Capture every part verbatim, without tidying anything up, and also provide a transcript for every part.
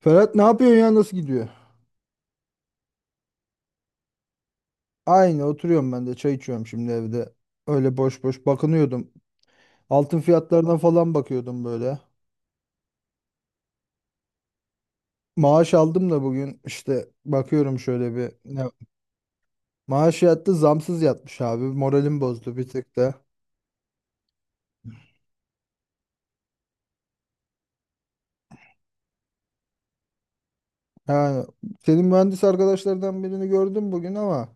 Ferhat ne yapıyorsun ya, nasıl gidiyor? Aynı, oturuyorum ben de, çay içiyorum şimdi evde. Öyle boş boş bakınıyordum. Altın fiyatlarına falan bakıyordum böyle. Maaş aldım da bugün, işte bakıyorum şöyle bir. Ne? Maaş yattı, zamsız yatmış abi. Moralim bozdu bir tık da. Yani senin mühendis arkadaşlardan birini gördüm bugün ama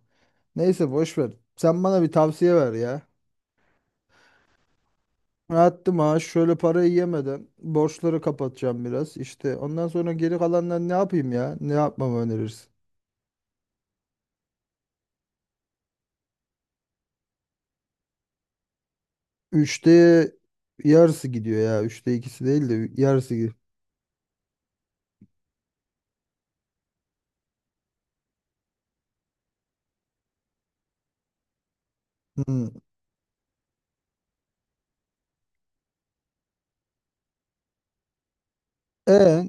neyse, boş ver. Sen bana bir tavsiye ver ya. Attı maaş, şöyle parayı yemeden borçları kapatacağım biraz. İşte ondan sonra geri kalanlar ne yapayım ya? Ne yapmamı önerirsin? Üçte yarısı gidiyor ya. Üçte ikisi değil de yarısı gidiyor. Hmm. E,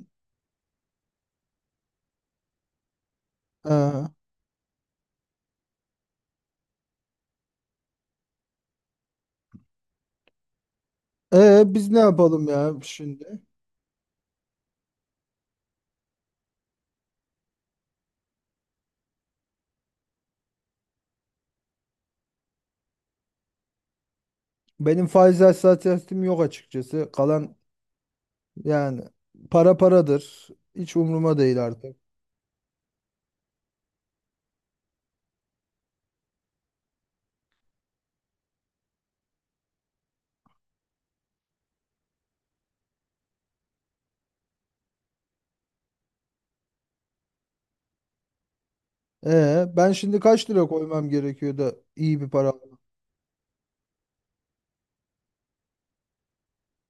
e, e, Biz ne yapalım ya şimdi? Benim faiz hassasiyetim yok açıkçası. Kalan, yani para paradır. Hiç umruma değil artık. E, ben şimdi kaç lira koymam gerekiyor da iyi bir para?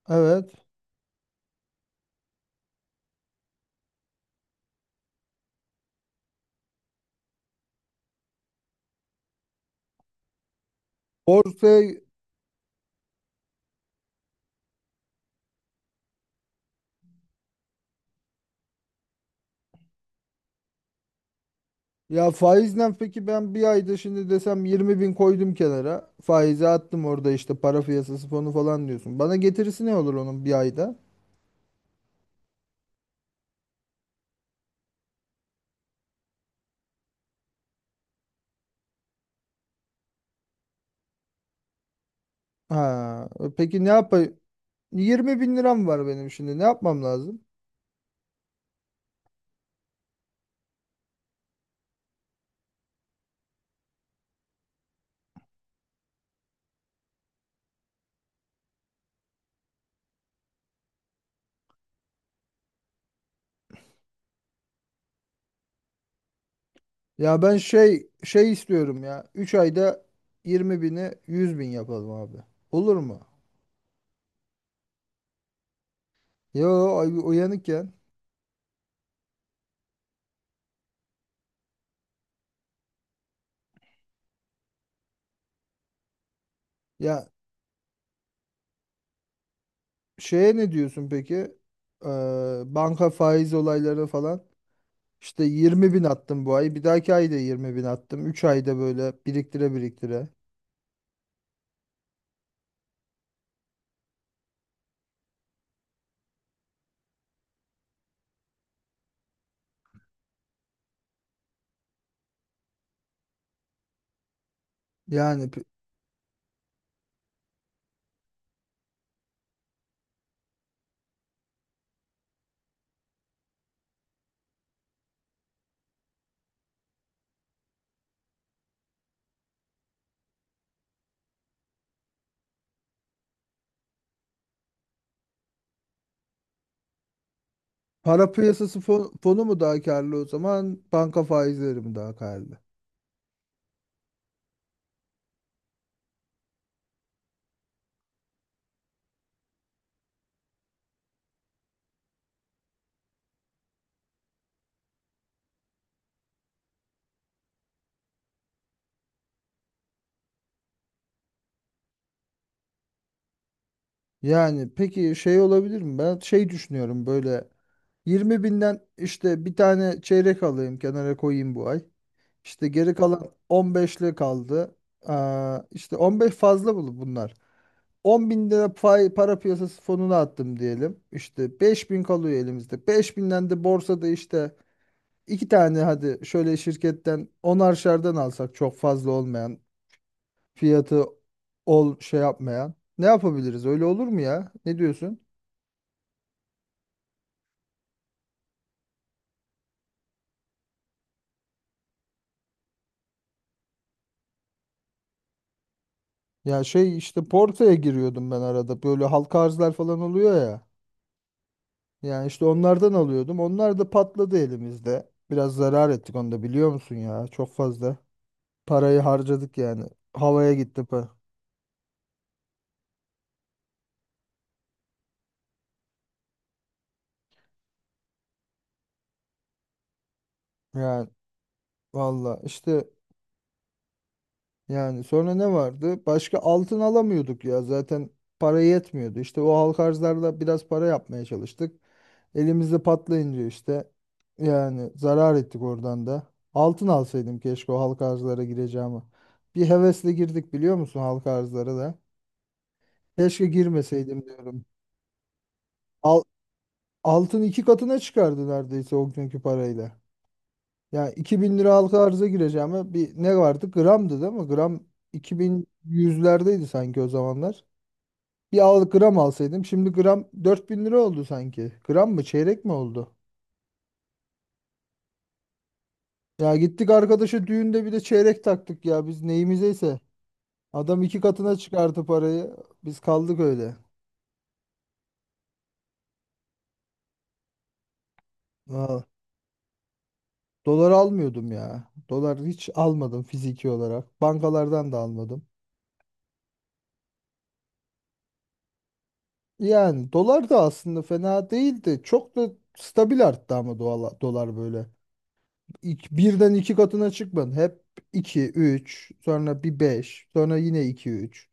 Evet. Borsaya Ya faizle peki ben bir ayda şimdi desem yirmi bin koydum kenara. Faize attım orada, işte para piyasası fonu falan diyorsun. Bana getirisi ne olur onun bir ayda? Ha, e, peki ne yapayım? 20 bin liram var benim şimdi. Ne yapmam lazım? Ya ben şey şey istiyorum ya. Üç ayda 20 bini 100 bin yapalım abi. Olur mu? Yo, ay- uyanıkken. Ya şeye ne diyorsun peki? Ee, Banka faiz olayları falan. İşte 20 bin attım bu ay. Bir dahaki ayda 20 bin attım. Üç ayda böyle biriktire biriktire. Yani pi- para piyasası fon- fonu mu daha karlı o zaman? Banka faizleri mi daha karlı? Yani peki şey olabilir mi? Ben şey düşünüyorum böyle, 20 binden işte bir tane çeyrek alayım, kenara koyayım bu ay. İşte geri kalan on beşli kaldı. Aa, işte on beş fazla bulu bunlar. 10 bin lira pay, para piyasası fonuna attım diyelim. İşte 5 bin kalıyor elimizde. 5 binden de borsada işte iki tane, hadi şöyle şirketten onarşardan alsak, çok fazla olmayan fiyatı ol şey yapmayan. Ne yapabiliriz? Öyle olur mu ya? Ne diyorsun? Ya şey işte Porto'ya giriyordum ben arada. Böyle halka arzlar falan oluyor ya. Yani işte onlardan alıyordum. Onlar da patladı elimizde. Biraz zarar ettik, onu da biliyor musun ya? Çok fazla. Parayı harcadık yani. Havaya gitti pa. Yani valla işte yani sonra ne vardı? Başka altın alamıyorduk ya. Zaten para yetmiyordu. İşte o halka arzlarla biraz para yapmaya çalıştık. Elimizde patlayınca işte, yani zarar ettik oradan da. Altın alsaydım keşke, o halka arzlara gireceğimi. Bir hevesle girdik, biliyor musun, halka arzlara da. Keşke girmeseydim diyorum. Al, Altın iki katına çıkardı neredeyse o günkü parayla. Yani iki bin lira halka arza gireceğime, bir ne vardı? Gramdı değil mi? Gram iki bin yüzlerdeydi sanki o zamanlar. Bir al, gram alsaydım, şimdi gram dört bin lira oldu sanki. Gram mı çeyrek mi oldu? Ya gittik arkadaşa düğünde bir de çeyrek taktık ya, biz neyimizeyse. Adam iki katına çıkarttı parayı. Biz kaldık öyle. Valla. Dolar almıyordum ya. Dolar hiç almadım fiziki olarak. Bankalardan da almadım. Yani dolar da aslında fena değildi. Çok da stabil arttı ama dolar, dolar böyle. İk- birden iki katına çıkmadı. Hep iki üç sonra bir beş sonra yine iki üç,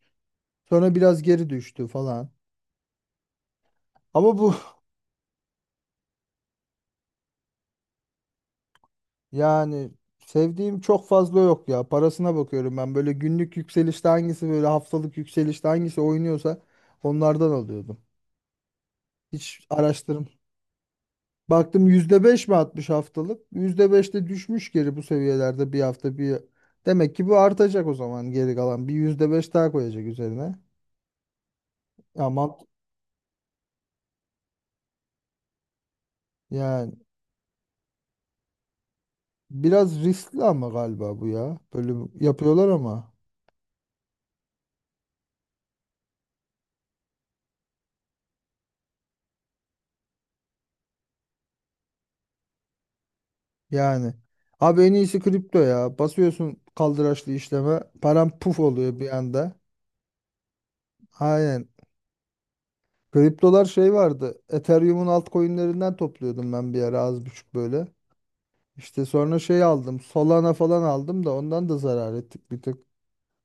sonra biraz geri düştü falan. Ama bu Yani sevdiğim çok fazla yok ya. Parasına bakıyorum ben. Böyle günlük yükselişte hangisi, böyle haftalık yükselişte hangisi oynuyorsa onlardan alıyordum. Hiç araştırım. Baktım yüzde beş mi atmış haftalık? yüzde beşte düşmüş geri, bu seviyelerde bir hafta bir. Demek ki bu artacak o zaman geri kalan. Bir yüzde beş daha koyacak üzerine. Ama yani biraz riskli ama galiba bu ya. Böyle yapıyorlar ama. Yani. Abi en iyisi kripto ya. Basıyorsun kaldıraçlı işleme. Param puf oluyor bir anda. Aynen. Kriptolar şey vardı. Ethereum'un altcoin'lerinden topluyordum ben bir ara az buçuk böyle. İşte sonra şey aldım. Solana falan aldım da ondan da zarar ettik bir tık.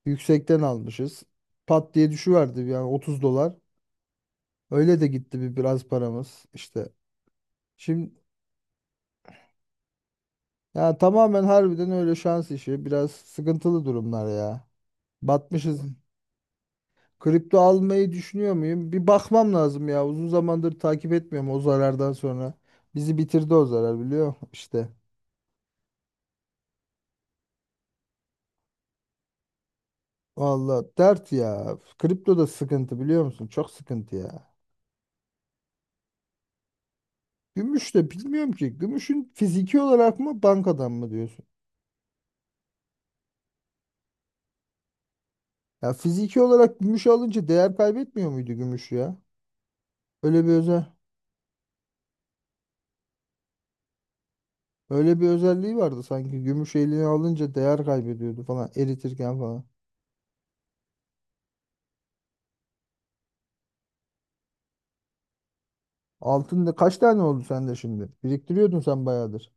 Yüksekten almışız. Pat diye düşüverdi, yani otuz dolar. Öyle de gitti bir, biraz paramız işte. Şimdi ya tamamen harbiden öyle şans işi. Biraz sıkıntılı durumlar ya. Batmışız. Kripto almayı düşünüyor muyum? Bir bakmam lazım ya. Uzun zamandır takip etmiyorum o zarardan sonra. Bizi bitirdi o zarar, biliyor musun? İşte. Vallahi dert ya. Kripto da sıkıntı biliyor musun? Çok sıkıntı ya. Gümüş de bilmiyorum ki. Gümüşün fiziki olarak mı bankadan mı diyorsun? Ya fiziki olarak gümüş alınca değer kaybetmiyor muydu gümüş ya? Öyle bir özel Öyle bir özelliği vardı sanki. Gümüş eline alınca değer kaybediyordu falan, eritirken falan. Altın da kaç tane oldu sende şimdi? Biriktiriyordun sen bayağıdır.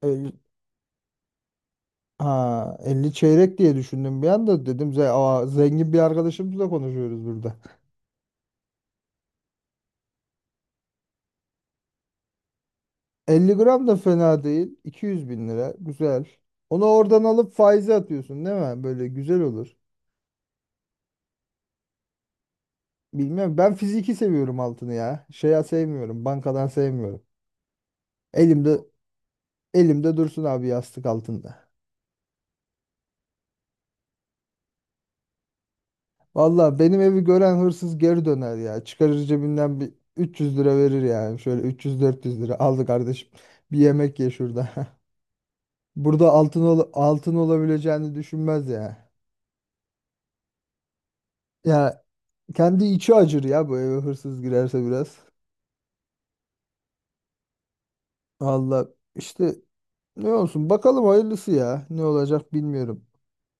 El, ha, elli çeyrek diye düşündüm bir anda, dedim ze aa, zengin bir arkadaşımızla konuşuyoruz burada. elli gram da fena değil. iki yüz bin lira güzel. Onu oradan alıp faize atıyorsun değil mi? Böyle güzel olur. Bilmiyorum, ben fiziki seviyorum altını ya. Şeye sevmiyorum, bankadan sevmiyorum. Elimde elimde dursun abi, yastık altında. Vallahi benim evi gören hırsız geri döner ya. Çıkarır cebinden bir üç yüz lira verir yani. Şöyle üç yüz dört yüz lira aldı kardeşim. Bir yemek ye şurada. Burada altın ol- altın olabileceğini düşünmez ya. Ya kendi içi acır ya, bu eve hırsız girerse biraz. Valla işte, ne olsun bakalım, hayırlısı ya. Ne olacak bilmiyorum.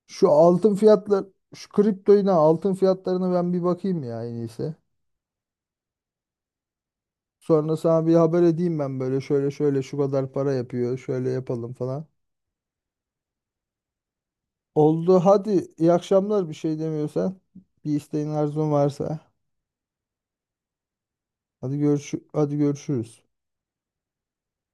Şu altın fiyatlar, şu kriptoyun, ha, altın fiyatlarına ben bir bakayım ya, en iyisi. Sonra sana bir haber edeyim ben, böyle şöyle şöyle şu kadar para yapıyor, şöyle yapalım falan. Oldu, hadi iyi akşamlar, bir şey demiyorsan, bir isteğin arzun varsa, hadi görüş hadi görüşürüz.